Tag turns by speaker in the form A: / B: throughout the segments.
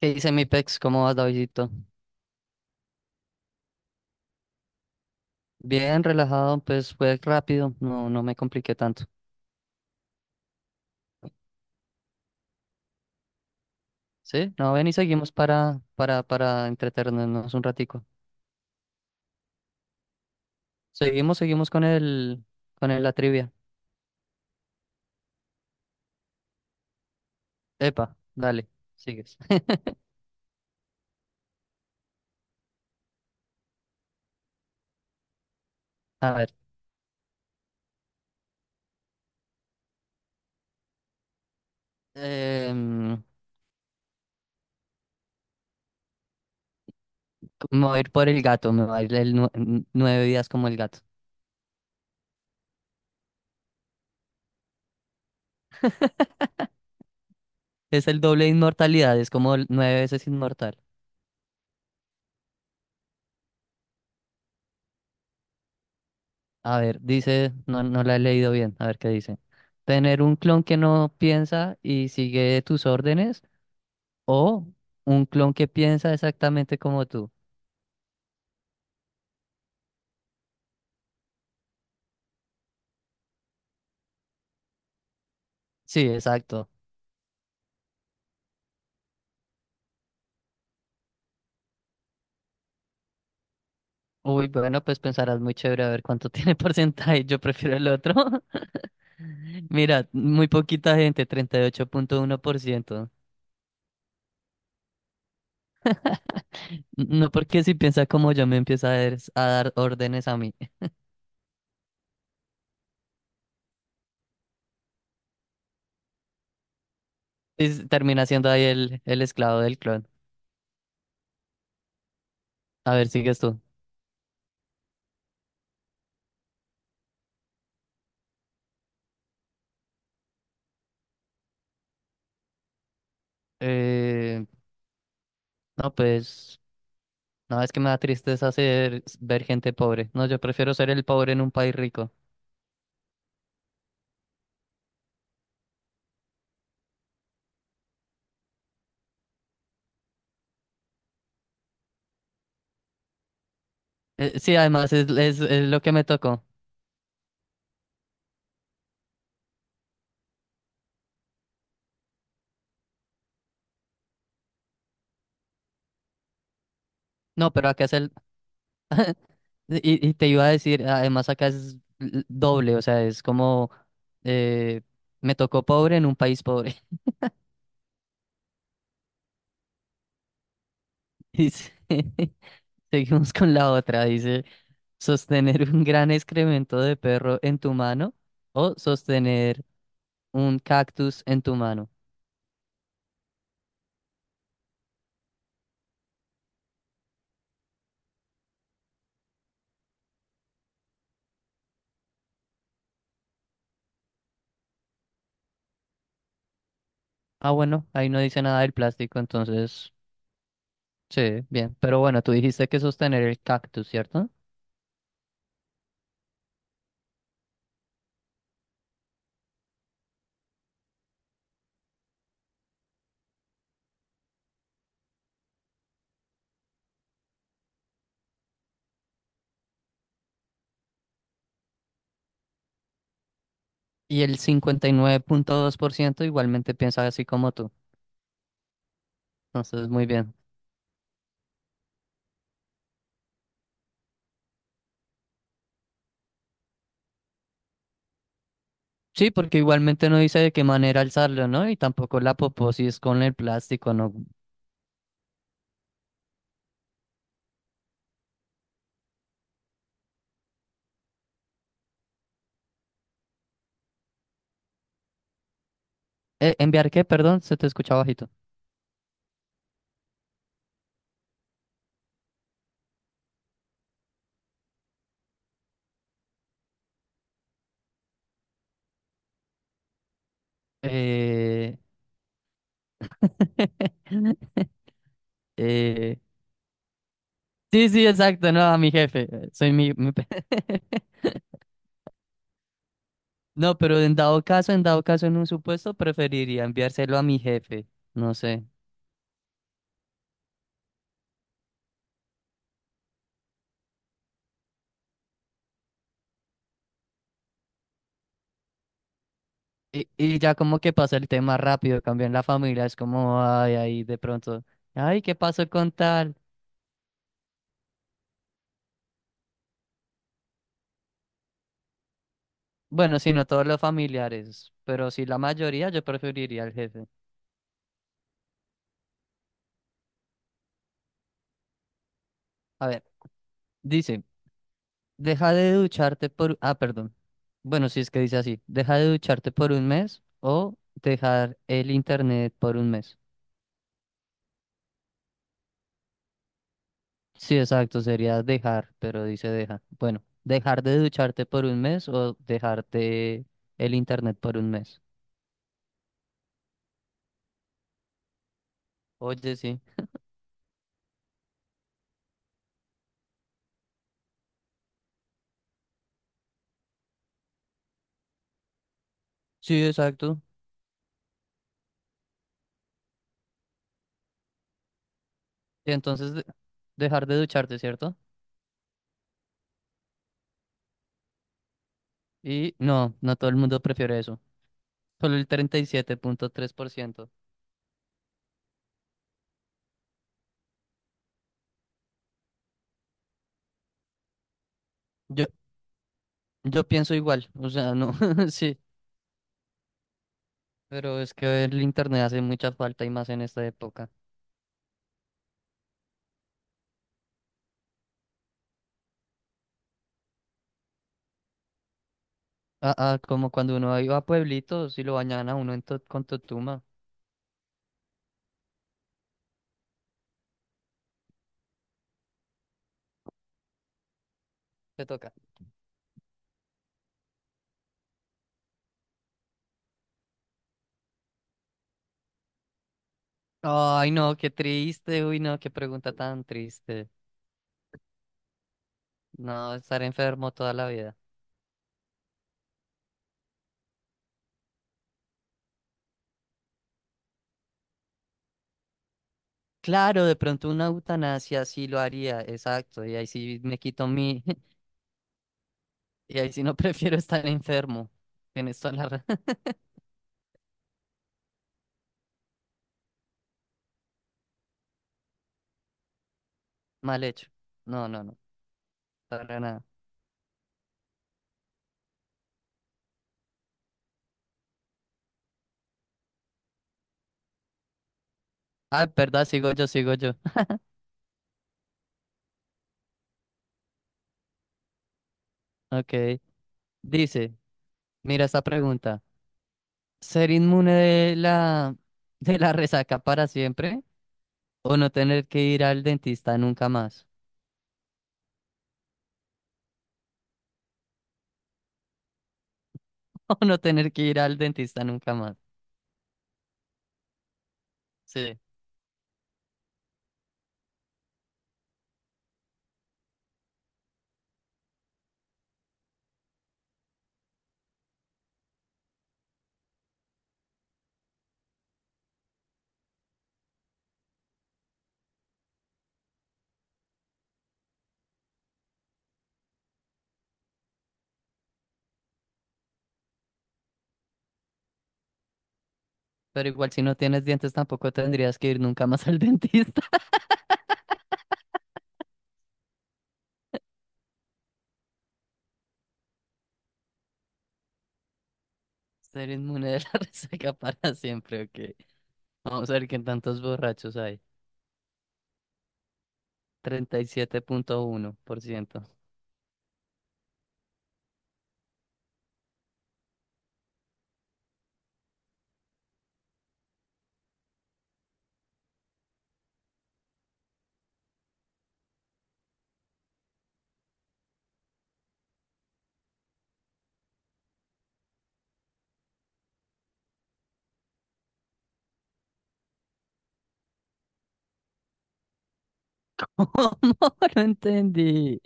A: ¿Qué dice mi pex? ¿Cómo vas, Davidito? Bien relajado, pues fue rápido, no, no me compliqué tanto. ¿Sí? No, ven y seguimos para entretenernos un ratico. Seguimos con la trivia. Epa, dale, sigues. A ver, em, me voy a ir por el gato, me va a ir el 9 días como el gato. Es el doble de inmortalidad, es como el nueve veces inmortal. A ver, dice, no, no la he leído bien, a ver qué dice. Tener un clon que no piensa y sigue tus órdenes o un clon que piensa exactamente como tú. Sí, exacto. Uy, bueno, pues pensarás muy chévere a ver cuánto tiene porcentaje. Yo prefiero el otro. Mira, muy poquita gente, 38,1%. No, porque si piensa como yo me empieza a dar órdenes a mí. Termina siendo ahí el esclavo del clon. A ver, sigues tú. Eh, no, pues. No, es que me da tristeza ver gente pobre. No, yo prefiero ser el pobre en un país rico. Sí, además es lo que me tocó. No, pero acá es el. Y te iba a decir, además acá es doble, o sea, es como. eh, Me tocó pobre en un país pobre. Dice, seguimos con la otra. Dice, sostener un gran excremento de perro en tu mano o sostener un cactus en tu mano. Ah, bueno, ahí no dice nada del plástico, entonces. Sí, bien. Pero bueno, tú dijiste que sostener el cactus, ¿cierto? Y el 59,2% igualmente piensa así como tú. Entonces, muy bien. Sí, porque igualmente no dice de qué manera alzarlo, ¿no? Y tampoco la poposis con el plástico, ¿no? ¿Enviar qué? Perdón, se te escucha bajito. Eh... eh... Sí, sí, exacto, no, a mi jefe. Soy mi. No, pero en dado caso, en dado caso, en un supuesto, preferiría enviárselo a mi jefe. No sé. Y ya como que pasa el tema rápido, cambia en la familia, es como, ay, ahí de pronto, ay, ¿qué pasó con tal? Bueno, si no todos los familiares, pero si la mayoría, yo preferiría al jefe. A ver, dice, deja de ducharte por, ah, perdón. Bueno, si es que dice así, deja de ducharte por un mes o dejar el internet por un mes. Sí, exacto, sería dejar, pero dice deja. Bueno, dejar de ducharte por un mes o dejarte el internet por un mes. Oye, sí. Sí, exacto. Y entonces dejar de ducharte, ¿cierto? Y no, no todo el mundo prefiere eso. Solo el 37,3%. Yo, yo pienso igual, o sea, no, sí, pero es que el internet hace mucha falta y más en esta época. Ah, ah, como cuando uno iba a pueblitos y lo bañaban a uno en con Totuma. Te toca. Ay, no, qué triste, uy, no, qué pregunta tan triste. No, estar enfermo toda la vida. Claro, de pronto una eutanasia sí lo haría, exacto, y ahí sí me quito mi, y ahí si no prefiero estar enfermo. Tienes toda la Mal hecho. No, no, no. Para nada. Ah, verdad, sigo yo, sigo yo. Ok. Dice, mira esta pregunta. ¿Ser inmune de la resaca para siempre? ¿O no tener que ir al dentista nunca más? ¿O no tener que ir al dentista nunca más? Sí. Pero igual si no tienes dientes tampoco tendrías que ir nunca más al dentista. Ser inmune de la resaca para siempre, ok. Vamos a ver qué tantos borrachos hay. 37,1%. ¿Cómo? No entendí.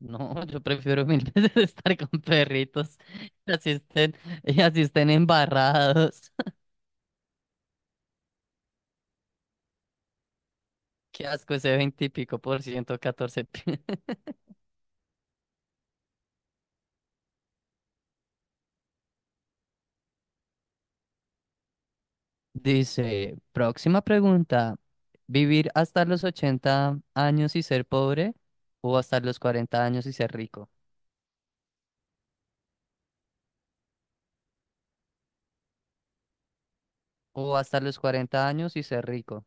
A: No, yo prefiero mil veces estar con perritos y así estén, y así estén embarrados. Qué asco ese 20 y pico por ciento, Dice, próxima pregunta. ¿Vivir hasta los 80 años y ser pobre? ¿O hasta los 40 años y ser rico? ¿O hasta los cuarenta años y ser rico?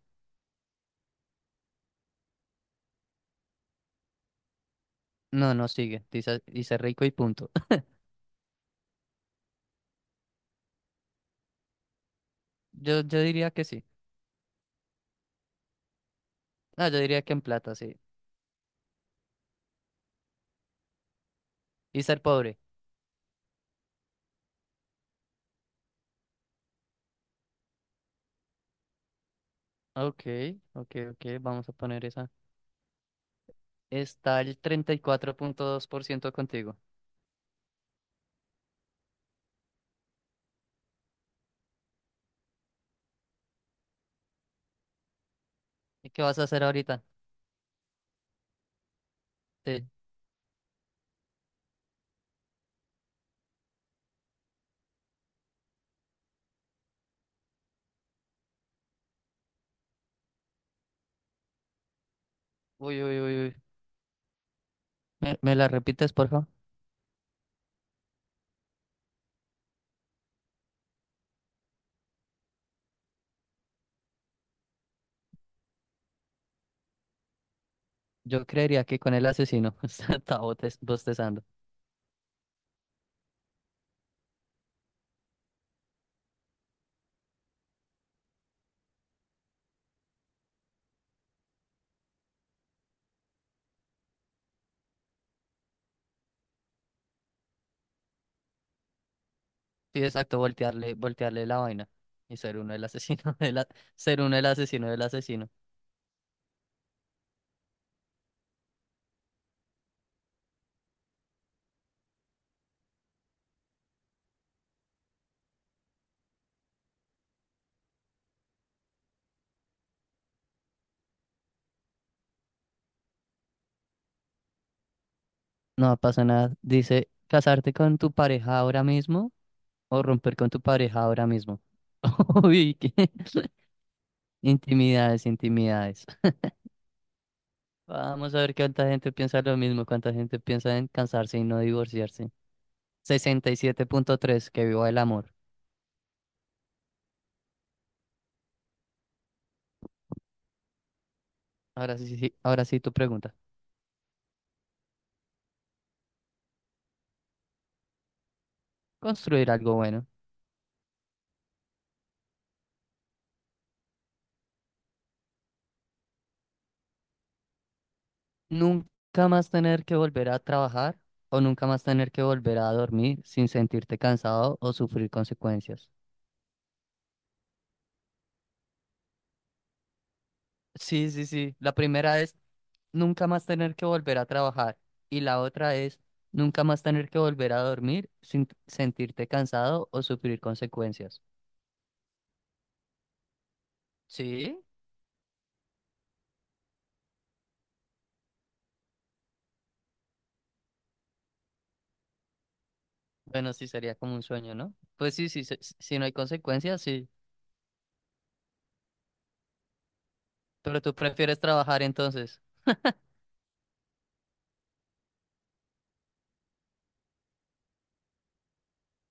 A: No, no sigue. Dice, y ser rico y punto. Yo diría que sí. No, yo diría que en plata, sí. Y ser pobre. Ok, ok, ok, vamos a poner esa. Está el 34,2% contigo. ¿Y qué vas a hacer ahorita? Te- Uy, uy, uy, uy. ¿Me la repites, por favor? Yo creería que con el asesino está bostezando. Sí, exacto, voltearle la vaina y ser uno el asesino ser uno el asesino del asesino. No pasa nada. Dice, ¿casarte con tu pareja ahora mismo o romper con tu pareja ahora mismo? Uy, ¿qué? Intimidades, intimidades. Vamos a ver cuánta gente piensa lo mismo, cuánta gente piensa en cansarse y no divorciarse. 67,3, que viva el amor. Ahora sí, sí, ahora sí tu pregunta. Construir algo bueno. Nunca más tener que volver a trabajar o nunca más tener que volver a dormir sin sentirte cansado o sufrir consecuencias. Sí, sí, sí. La primera es nunca más tener que volver a trabajar y la otra es nunca más tener que volver a dormir sin sentirte cansado o sufrir consecuencias. Sí, bueno, sí sería como un sueño, ¿no? Pues sí, sí, si no hay consecuencias, sí. Pero tú prefieres trabajar entonces.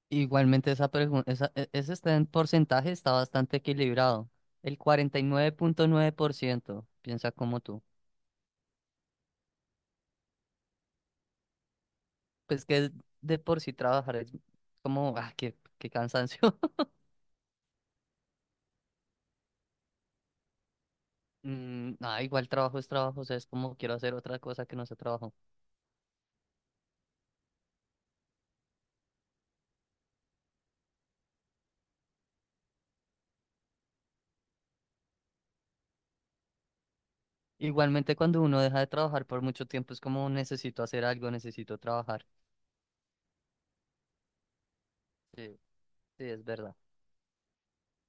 A: Igualmente esa pregunta, ese está en porcentaje, está bastante equilibrado. El cuarenta y nueve punto nueve por ciento piensa como tú. Pues que de por sí trabajar es como, ah, qué cansancio. Mm, ah, igual trabajo es trabajo, o sea, es como quiero hacer otra cosa que no sea trabajo. Igualmente cuando uno deja de trabajar por mucho tiempo es como necesito hacer algo, necesito trabajar. Sí, sí, es verdad.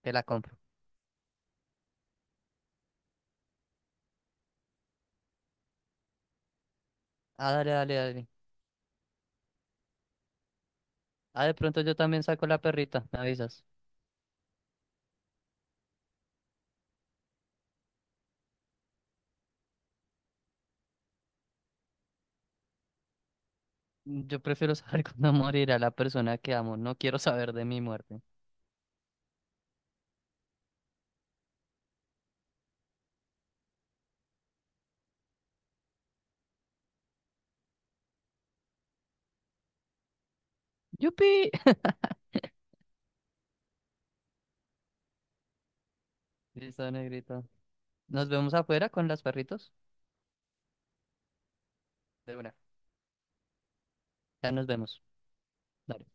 A: Te la compro. Ah, dale, dale, dale. Ah, de pronto yo también saco la perrita, me avisas. Mm, yo prefiero saber cuándo morirá la persona que amo, no quiero saber de mi muerte. ¡Yupi! Listo, negrito. Nos vemos afuera con las perritos. De una. Ya nos vemos. Dale.